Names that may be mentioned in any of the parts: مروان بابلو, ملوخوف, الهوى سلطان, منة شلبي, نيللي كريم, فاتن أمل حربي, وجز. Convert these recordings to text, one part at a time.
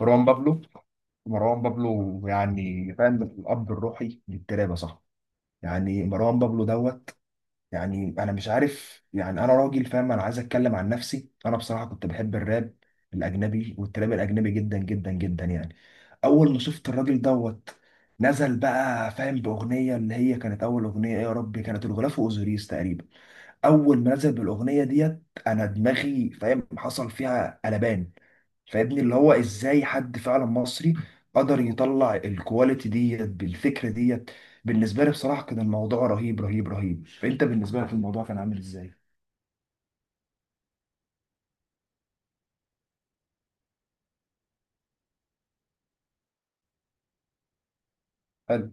مروان بابلو مروان بابلو. يعني فاهم الاب الروحي للتراب يا صاحبي. يعني مروان بابلو دوت. يعني انا مش عارف، يعني انا راجل فاهم، انا عايز اتكلم عن نفسي. انا بصراحه كنت بحب الراب الاجنبي والتراب الاجنبي جدا جدا جدا يعني. اول ما شفت الراجل دوت نزل بقى فاهم باغنيه اللي هي كانت اول اغنيه، إيه يا ربي، كانت الغلاف اوزوريس تقريبا. اول ما نزل بالاغنيه ديت انا دماغي فاهم حصل فيها قلبان. فابني اللي هو ازاي حد فعلا مصري قدر يطلع الكواليتي ديت بالفكره ديت. بالنسبه لي بصراحه كان الموضوع رهيب رهيب رهيب. فانت بالنسبه لك الموضوع كان عامل ازاي؟ حلو.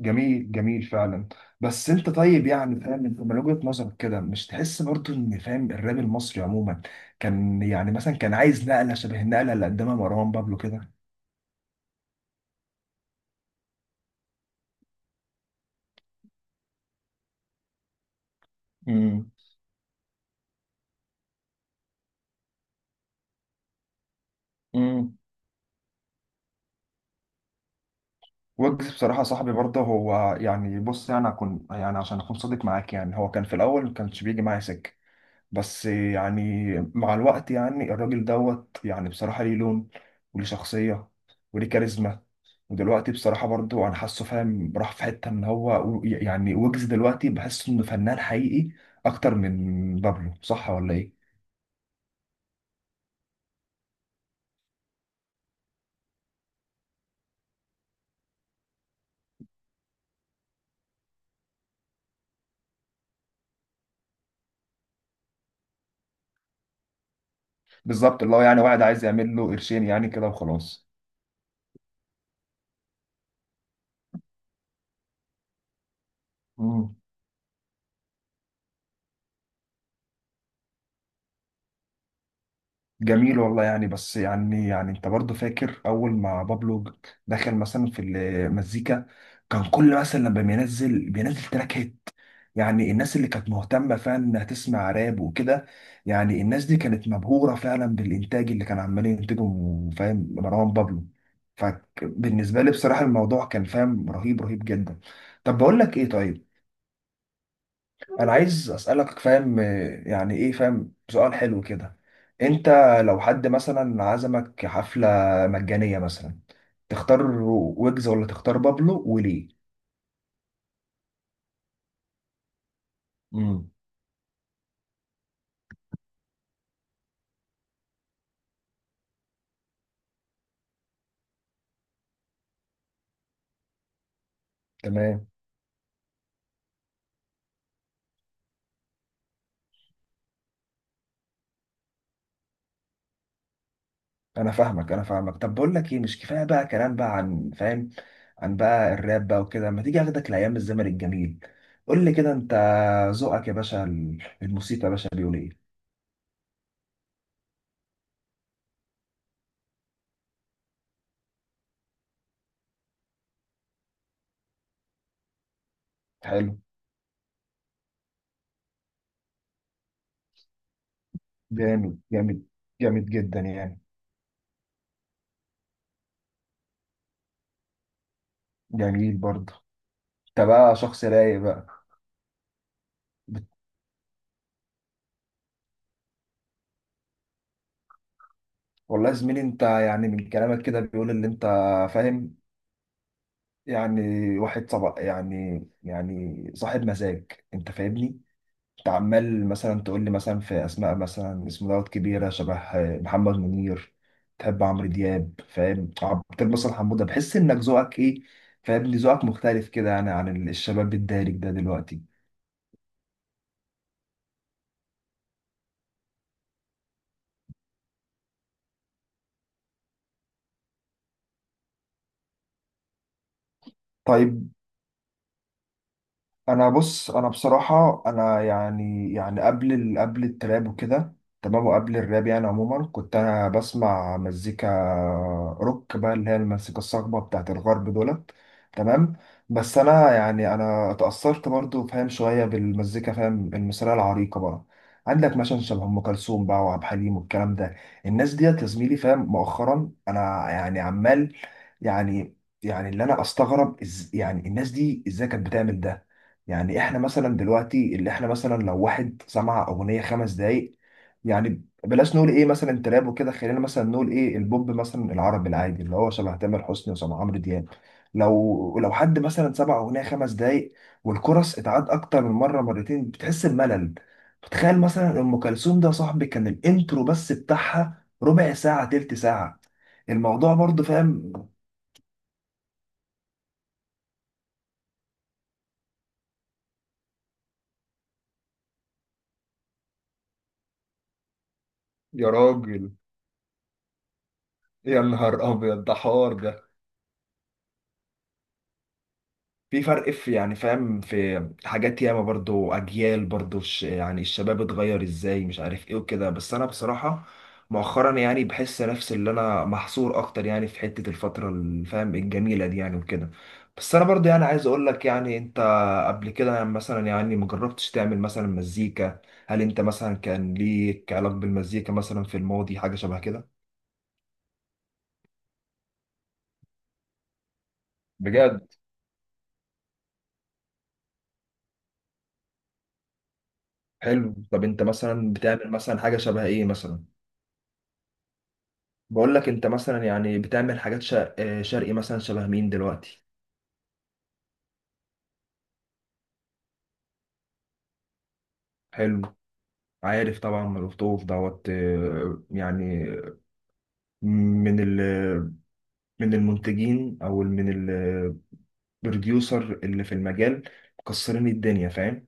جميل جميل فعلا. بس انت طيب، يعني فاهم، انت من وجهه نظرك كده مش تحس برضو ان فاهم الراب المصري عموما كان يعني مثلا كان عايز نقله شبه النقله اللي قدمها مروان بابلو كده؟ امم. وجز بصراحة صاحبي برضه هو، يعني بص، يعني أكون، يعني عشان أكون صادق معاك، يعني هو كان في الأول ما كانش بيجي معايا سكة. بس يعني مع الوقت يعني الراجل دوت يعني بصراحة ليه لون وليه شخصية وليه كاريزما. ودلوقتي بصراحة برضه أنا حاسه فاهم راح في حتة إن هو يعني وجز دلوقتي بحس إنه فنان حقيقي أكتر من بابلو، صح ولا إيه؟ بالظبط، اللي هو يعني واحد عايز يعمل له قرشين يعني كده وخلاص. جميل والله يعني. بس يعني، يعني انت برضه فاكر اول ما بابلو دخل مثلا في المزيكا، كان كل مثلا لما بينزل تراك هيت. يعني الناس اللي كانت مهتمه فعلا انها تسمع راب وكده، يعني الناس دي كانت مبهوره فعلا بالانتاج اللي كان عمال ينتجه فاهم مروان بابلو. فبالنسبه لي بصراحه الموضوع كان فاهم رهيب رهيب جدا. طب بقول لك ايه. طيب انا عايز اسالك فاهم يعني ايه فاهم سؤال حلو كده. انت لو حد مثلا عزمك حفله مجانيه مثلا، تختار ويجز ولا تختار بابلو، وليه؟ امم. تمام. انا فاهمك. طب بقول لك ايه، مش كفايه بقى كلام بقى عن فاهم، عن بقى الراب بقى وكده. ما تيجي اخدك لايام الزمن الجميل؟ قول لي كده، انت ذوقك يا باشا، الموسيقى يا باشا بيقول ايه؟ حلو. جامد جامد. جامد جدا يعني. جميل برضه. انت بقى شخص رايق بقى. بت- والله يا زميلي انت يعني من كلامك كده بيقول ان انت فاهم يعني واحد صبا يعني، يعني صاحب مزاج. انت فاهمني؟ انت عمال مثلا تقول لي مثلا في اسماء مثلا اسم دوت كبيره، شبه محمد منير، تحب عمرو دياب فاهم عبد الباسط حموده. بحس انك ذوقك ايه فاهمني، ذوقك مختلف كده يعني عن الشباب الدارج ده دلوقتي. طيب. انا بص، انا بصراحه انا يعني يعني قبل التراب وكده تمام، وقبل الراب يعني عموما، كنت انا بسمع مزيكا روك بقى اللي هي المزيكا الصاخبه بتاعت الغرب دولت. تمام. بس انا يعني انا اتاثرت برضو فاهم شويه بالمزيكا فاهم المصريه العريقه بقى. عندك مثلا شبه ام كلثوم بقى وعبد الحليم والكلام ده. الناس ديت يا زميلي فاهم مؤخرا انا يعني عمال يعني يعني اللي انا استغرب إز... يعني الناس دي ازاي كانت بتعمل ده. يعني احنا مثلا دلوقتي اللي احنا مثلا لو واحد سمع اغنيه خمس دقايق، يعني بلاش نقول ايه مثلا تراب وكده، خلينا مثلا نقول ايه البوب مثلا العربي العادي اللي هو شبه تامر حسني وشبه عمرو دياب. لو حد مثلا سمع اغنيه خمس دقايق والكورس اتعاد اكتر من مره مرتين، بتحس بملل. فتخيل مثلا ام كلثوم ده يا صاحبي، كان الانترو بس بتاعها ربع ساعه تلت ساعه. الموضوع برضه فاهم. يا راجل، يا نهار ابيض، ده حوار ده. في فرق، في يعني فاهم، في حاجات ياما برضو، اجيال برضو، يعني الشباب اتغير ازاي مش عارف ايه وكده. بس انا بصراحة مؤخرا يعني بحس نفسي اللي انا محصور اكتر يعني في حتة الفترة اللي فاهم الجميلة دي يعني وكده. بس انا برضو يعني عايز اقول لك، يعني انت قبل كده يعني مثلا، يعني مجربتش تعمل مثلا مزيكا، هل انت مثلا كان ليك علاقة بالمزيكا مثلا في الماضي، حاجة شبه كده؟ بجد؟ حلو. طب انت مثلا بتعمل مثلا حاجة شبه ايه مثلا؟ بقول لك انت مثلا يعني بتعمل حاجات شرقي مثلا شبه مين دلوقتي؟ حلو. عارف طبعا، ملوخوف دوت يعني من ال، من المنتجين او من البروديوسر اللي في المجال، مكسرين الدنيا فاهم.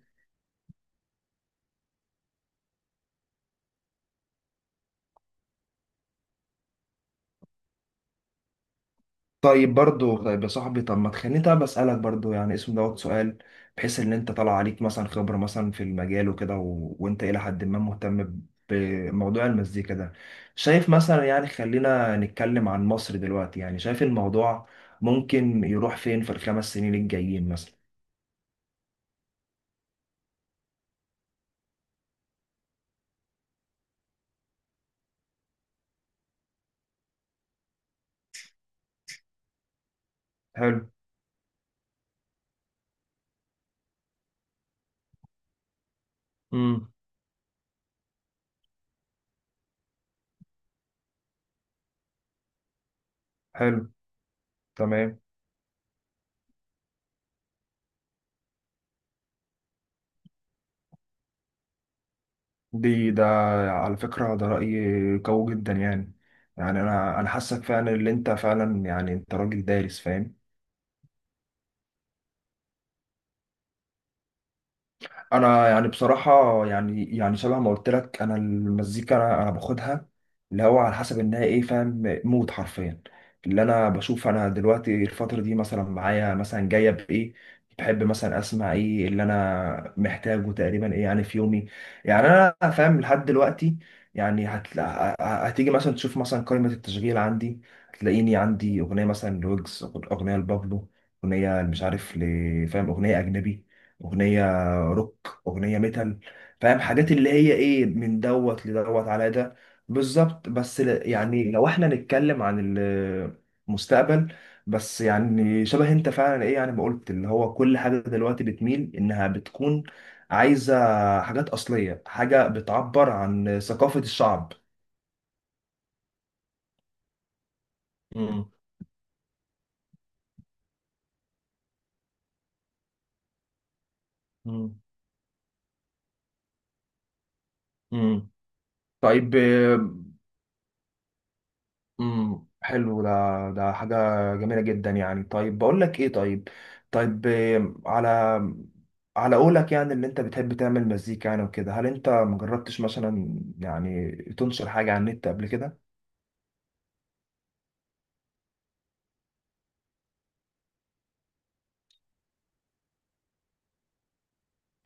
طيب برضو. طيب يا صاحبي، طب ما تخليني طب اسالك برضو، يعني اسم دوت سؤال، بحيث ان انت طالع عليك مثلا خبره مثلا في المجال وكده و... وانت الى حد ما مهتم بموضوع المزيكا ده. شايف مثلا يعني خلينا نتكلم عن مصر دلوقتي، يعني شايف الموضوع ممكن يروح فين في الخمس سنين الجايين مثلا؟ حلو. امم. حلو. تمام. ده على فكرة ده رأي قوي جدا يعني. يعني أنا حاسك فعلا اللي أنت فعلا يعني أنت راجل دارس فاهم. انا يعني بصراحه يعني يعني شبه ما قلت لك، انا المزيكا أنا باخدها اللي هو على حسب انها ايه، فاهم، مود حرفيا. اللي انا بشوف انا دلوقتي الفتره دي مثلا معايا مثلا جايه بايه، بحب مثلا اسمع ايه اللي انا محتاجه تقريبا ايه يعني في يومي. يعني انا فاهم لحد دلوقتي يعني هتيجي مثلا تشوف مثلا قائمه التشغيل عندي، هتلاقيني عندي اغنيه مثلا لويجز، اغنيه لبابلو، اغنيه مش عارف فاهم اغنيه اجنبي، اغنيه، اغنيه ميتال، فاهم حاجات اللي هي ايه من دوت لدوت على ده. بالظبط. بس يعني لو احنا نتكلم عن المستقبل، بس يعني شبه انت فعلا ايه يعني ما قلت، اللي هو كل حاجه دلوقتي بتميل انها بتكون عايزه حاجات اصليه، حاجه بتعبر عن ثقافه الشعب. مم. مم. مم. طيب. امم، حلو ده، ده حاجة جميلة جدا يعني. طيب بقول لك ايه طيب، طيب إيه، على على قولك يعني اللي انت بتحب تعمل مزيكا يعني وكده، هل انت مجربتش مثلا يعني تنشر حاجة على النت قبل كده؟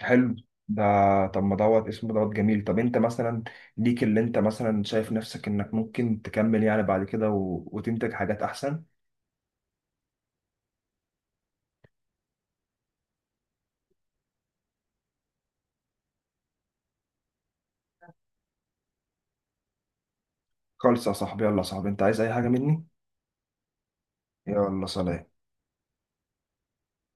حلو. ده، طب ما دوت اسمه دوت جميل. طب انت مثلا ليك اللي انت مثلا شايف نفسك انك ممكن تكمل يعني بعد كده و... وتنتج حاجات احسن؟ خالص يا صاحبي. يلا يا صاحبي، انت عايز اي حاجة مني؟ يلا سلام.